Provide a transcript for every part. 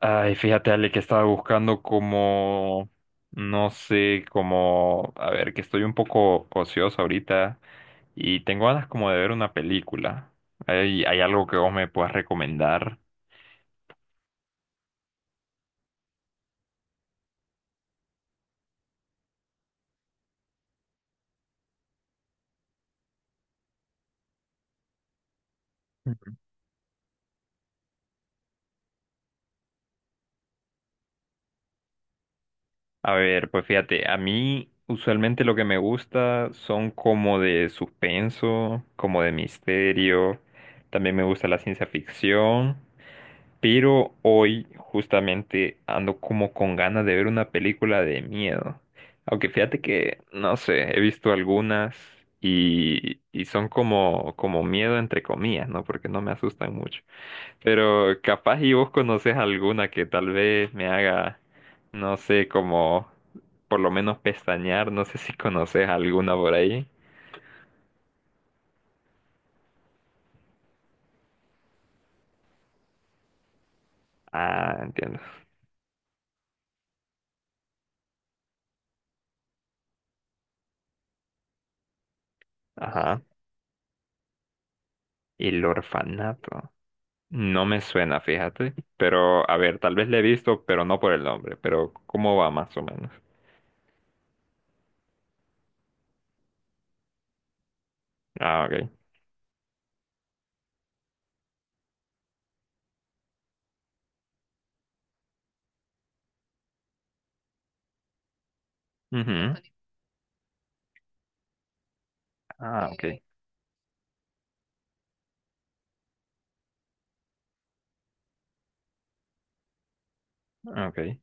Ay, fíjate, Ale, que estaba buscando como, no sé, como, a ver, que estoy un poco ocioso ahorita y tengo ganas como de ver una película. ¿Hay algo que vos me puedas recomendar? A ver, pues fíjate, a mí usualmente lo que me gusta son como de suspenso, como de misterio, también me gusta la ciencia ficción. Pero hoy justamente ando como con ganas de ver una película de miedo. Aunque fíjate que, no sé, he visto algunas y son como, como miedo entre comillas, ¿no? Porque no me asustan mucho. Pero capaz y vos conoces alguna que tal vez me haga, no sé, como por lo menos pestañear. No sé si conoces alguna por ahí. Ah, entiendo. Ajá. El orfanato. No me suena, fíjate. Pero, a ver, tal vez le he visto, pero no por el nombre. Pero, ¿cómo va más o menos? Ah, ok. Ujú. Ah, ok. Ok.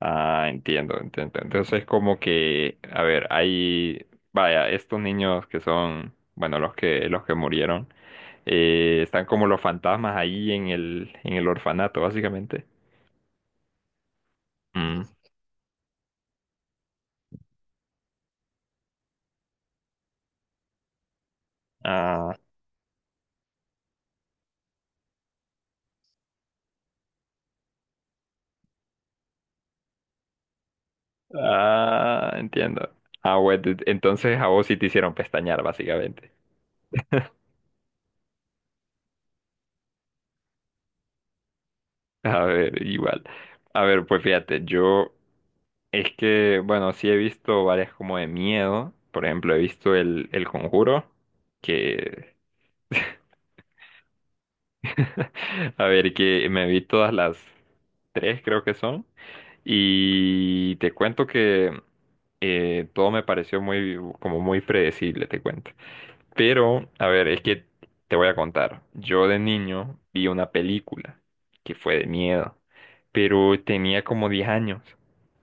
Ah, entiendo, entiendo. Entonces, como que, a ver, hay, vaya, estos niños que son, bueno, los que murieron, están como los fantasmas ahí en el orfanato, básicamente. Mm. Ah, ah, entiendo. Ah, bueno, entonces a vos sí te hicieron pestañear, básicamente. A ver, igual. A ver, pues fíjate, yo es que, bueno, sí he visto varias como de miedo. Por ejemplo, he visto el Conjuro, que, a ver, que me vi todas las tres, creo que son. Y te cuento que todo me pareció muy, como muy predecible, te cuento. Pero, a ver, es que te voy a contar. Yo de niño vi una película que fue de miedo, pero tenía como 10 años.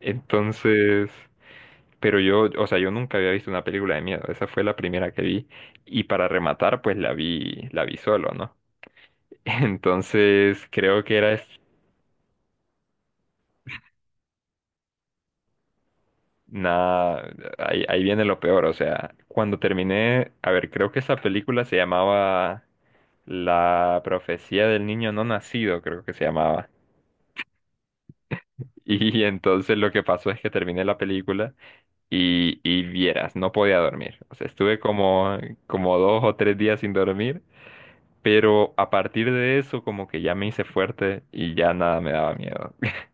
Entonces, pero yo, o sea, yo nunca había visto una película de miedo. Esa fue la primera que vi. Y para rematar, pues la vi solo, ¿no? Entonces, creo que era es- nada, ahí, ahí viene lo peor. O sea, cuando terminé, a ver, creo que esa película se llamaba La profecía del niño no nacido, creo que se llamaba. Y entonces lo que pasó es que terminé la película y vieras, no podía dormir. O sea, estuve como, como dos o tres días sin dormir, pero a partir de eso como que ya me hice fuerte y ya nada me daba miedo.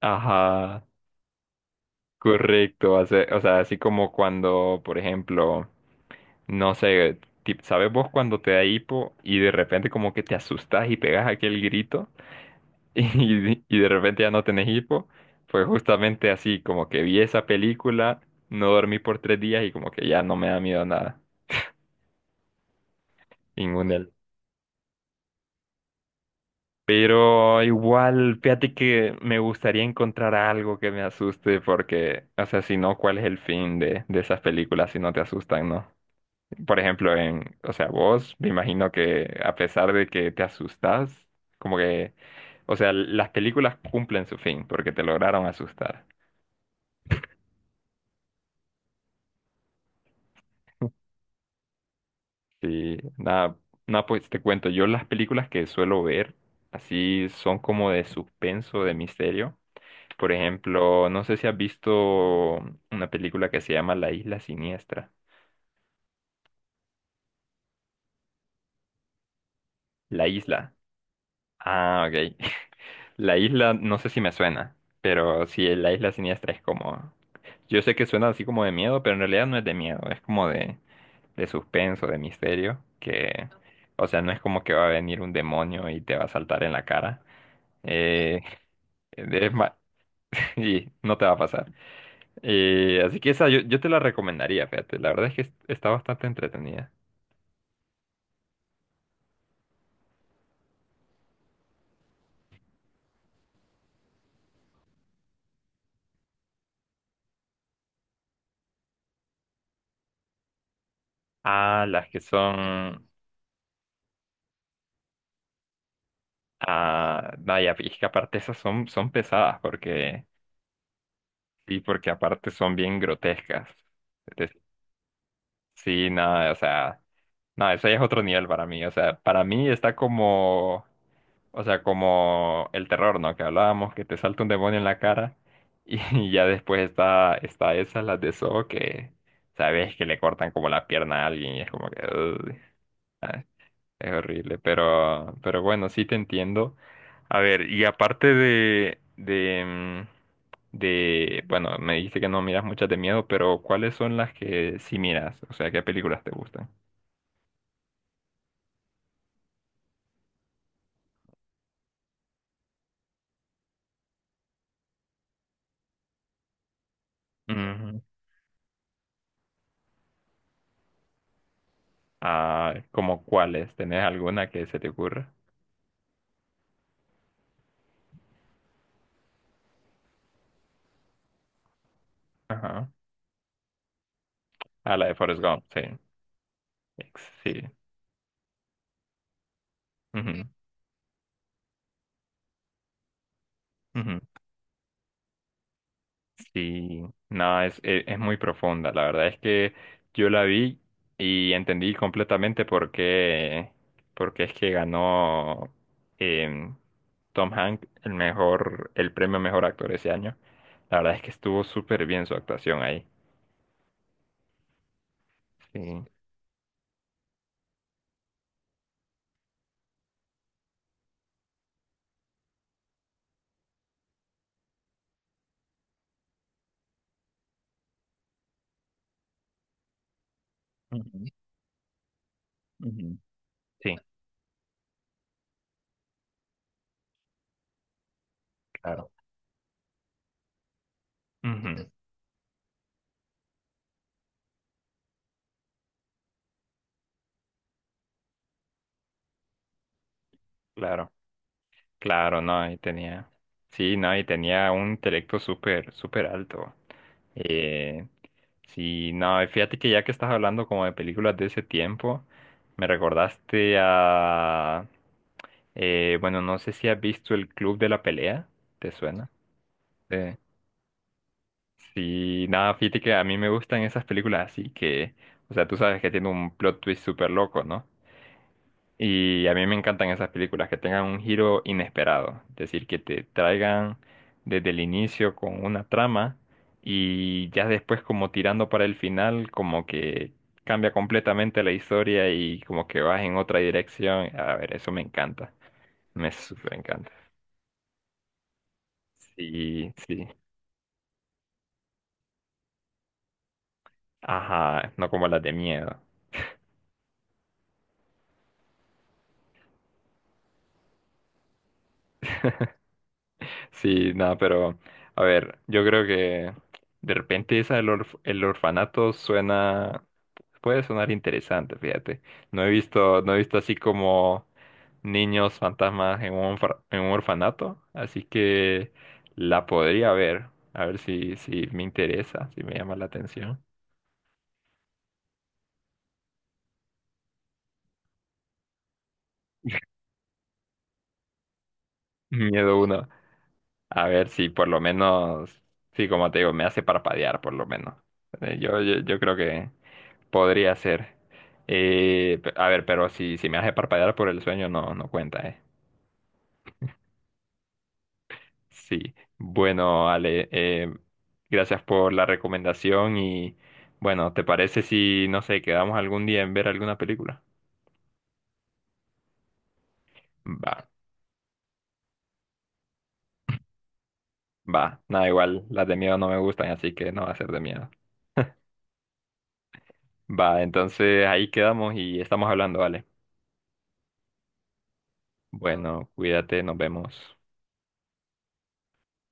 Ajá, correcto. O sea, así como cuando, por ejemplo, no sé, tip- ¿sabes vos cuando te da hipo y de repente como que te asustas y pegas aquel grito? Y de repente ya no tenés hipo, pues justamente así, como que vi esa película, no dormí por 3 días y como que ya no me da miedo nada, ningún él. Pero igual, fíjate que me gustaría encontrar algo que me asuste porque, o sea, si no, ¿cuál es el fin de esas películas si no te asustan, no? Por ejemplo, en, o sea, vos, me imagino que a pesar de que te asustas, como que, o sea, las películas cumplen su fin porque te lograron asustar. Sí, nada, nada, pues te cuento, yo las películas que suelo ver así son como de suspenso, de misterio. Por ejemplo, no sé si has visto una película que se llama La Isla Siniestra. La Isla. Ah, ok. La Isla, no sé si me suena, pero sí, La Isla Siniestra es como... Yo sé que suena así como de miedo, pero en realidad no es de miedo, es como de suspenso, de misterio, que... O sea, no es como que va a venir un demonio y te va a saltar en la cara. Eh, Es ma- y no te va a pasar. Así que esa yo, yo te la recomendaría, fíjate. La verdad es que es- está bastante entretenida. Ah, las que son... Ah, vaya, y es que aparte esas son, son pesadas porque... Y porque aparte son bien grotescas. Sí, no, o sea, no, ese es otro nivel para mí. O sea, para mí está como, o sea, como el terror, ¿no? Que hablábamos, que te salta un demonio en la cara y, ya después está, está esa, las de Saw, que sabes que le cortan como la pierna a alguien y es como que... "Uy". Es horrible, pero bueno, sí te entiendo. A ver, y aparte de, de, bueno, me dijiste que no miras muchas de miedo, pero ¿cuáles son las que sí miras? O sea, ¿qué películas te gustan? Ujú. Ah, ¿como cuáles? ¿Tenés alguna que se te ocurra? Ajá. Ah, la de Forrest Gump, sí. Ex- Sí. Ujú, ujú. Sí, no, es, e- es muy profunda. La verdad es que yo la vi y entendí completamente por qué es que ganó em, Tom Hanks el mejor, el premio mejor actor ese año. La verdad es que estuvo súper bien su actuación ahí. Sí. Ujú, ujú. Sí, claro. Ujú, claro. Claro, no, y tenía, sí, no, y tenía un intelecto súper, súper alto. Eh, sí, no, y fíjate que ya que estás hablando como de películas de ese tiempo, me recordaste a, bueno, no sé si has visto El Club de la Pelea, ¿te suena? Eh, sí, nada, fíjate que a mí me gustan esas películas así que, o sea, tú sabes que tiene un plot twist súper loco, ¿no? Y a mí me encantan esas películas que tengan un giro inesperado, es decir, que te traigan desde el inicio con una trama y ya después como tirando para el final, como que cambia completamente la historia y como que vas en otra dirección. A ver, eso me encanta, me súper encanta. Sí, sí. Ajá, no como las de miedo. Sí, nada, pero a ver, yo creo que de repente esa del orf- el orfanato suena, puede sonar interesante, fíjate. No he visto, no he visto así como niños fantasmas en un, orfa- en un orfanato, así que la podría ver, a ver si, si me interesa, si me llama la atención. Miedo uno, a ver si por lo menos, sí, como te digo, me hace parpadear por lo menos. Yo, yo, yo creo que podría ser. Pe- a ver, pero si, si me hace parpadear por el sueño, no, no cuenta, ¿eh? Sí. Bueno, Ale, gracias por la recomendación y bueno, ¿te parece si, no sé, quedamos algún día en ver alguna película? Va, va. Nada, igual, las de miedo no me gustan, así que no va a ser de miedo. Va, entonces ahí quedamos y estamos hablando, vale. Bueno, cuídate, nos vemos.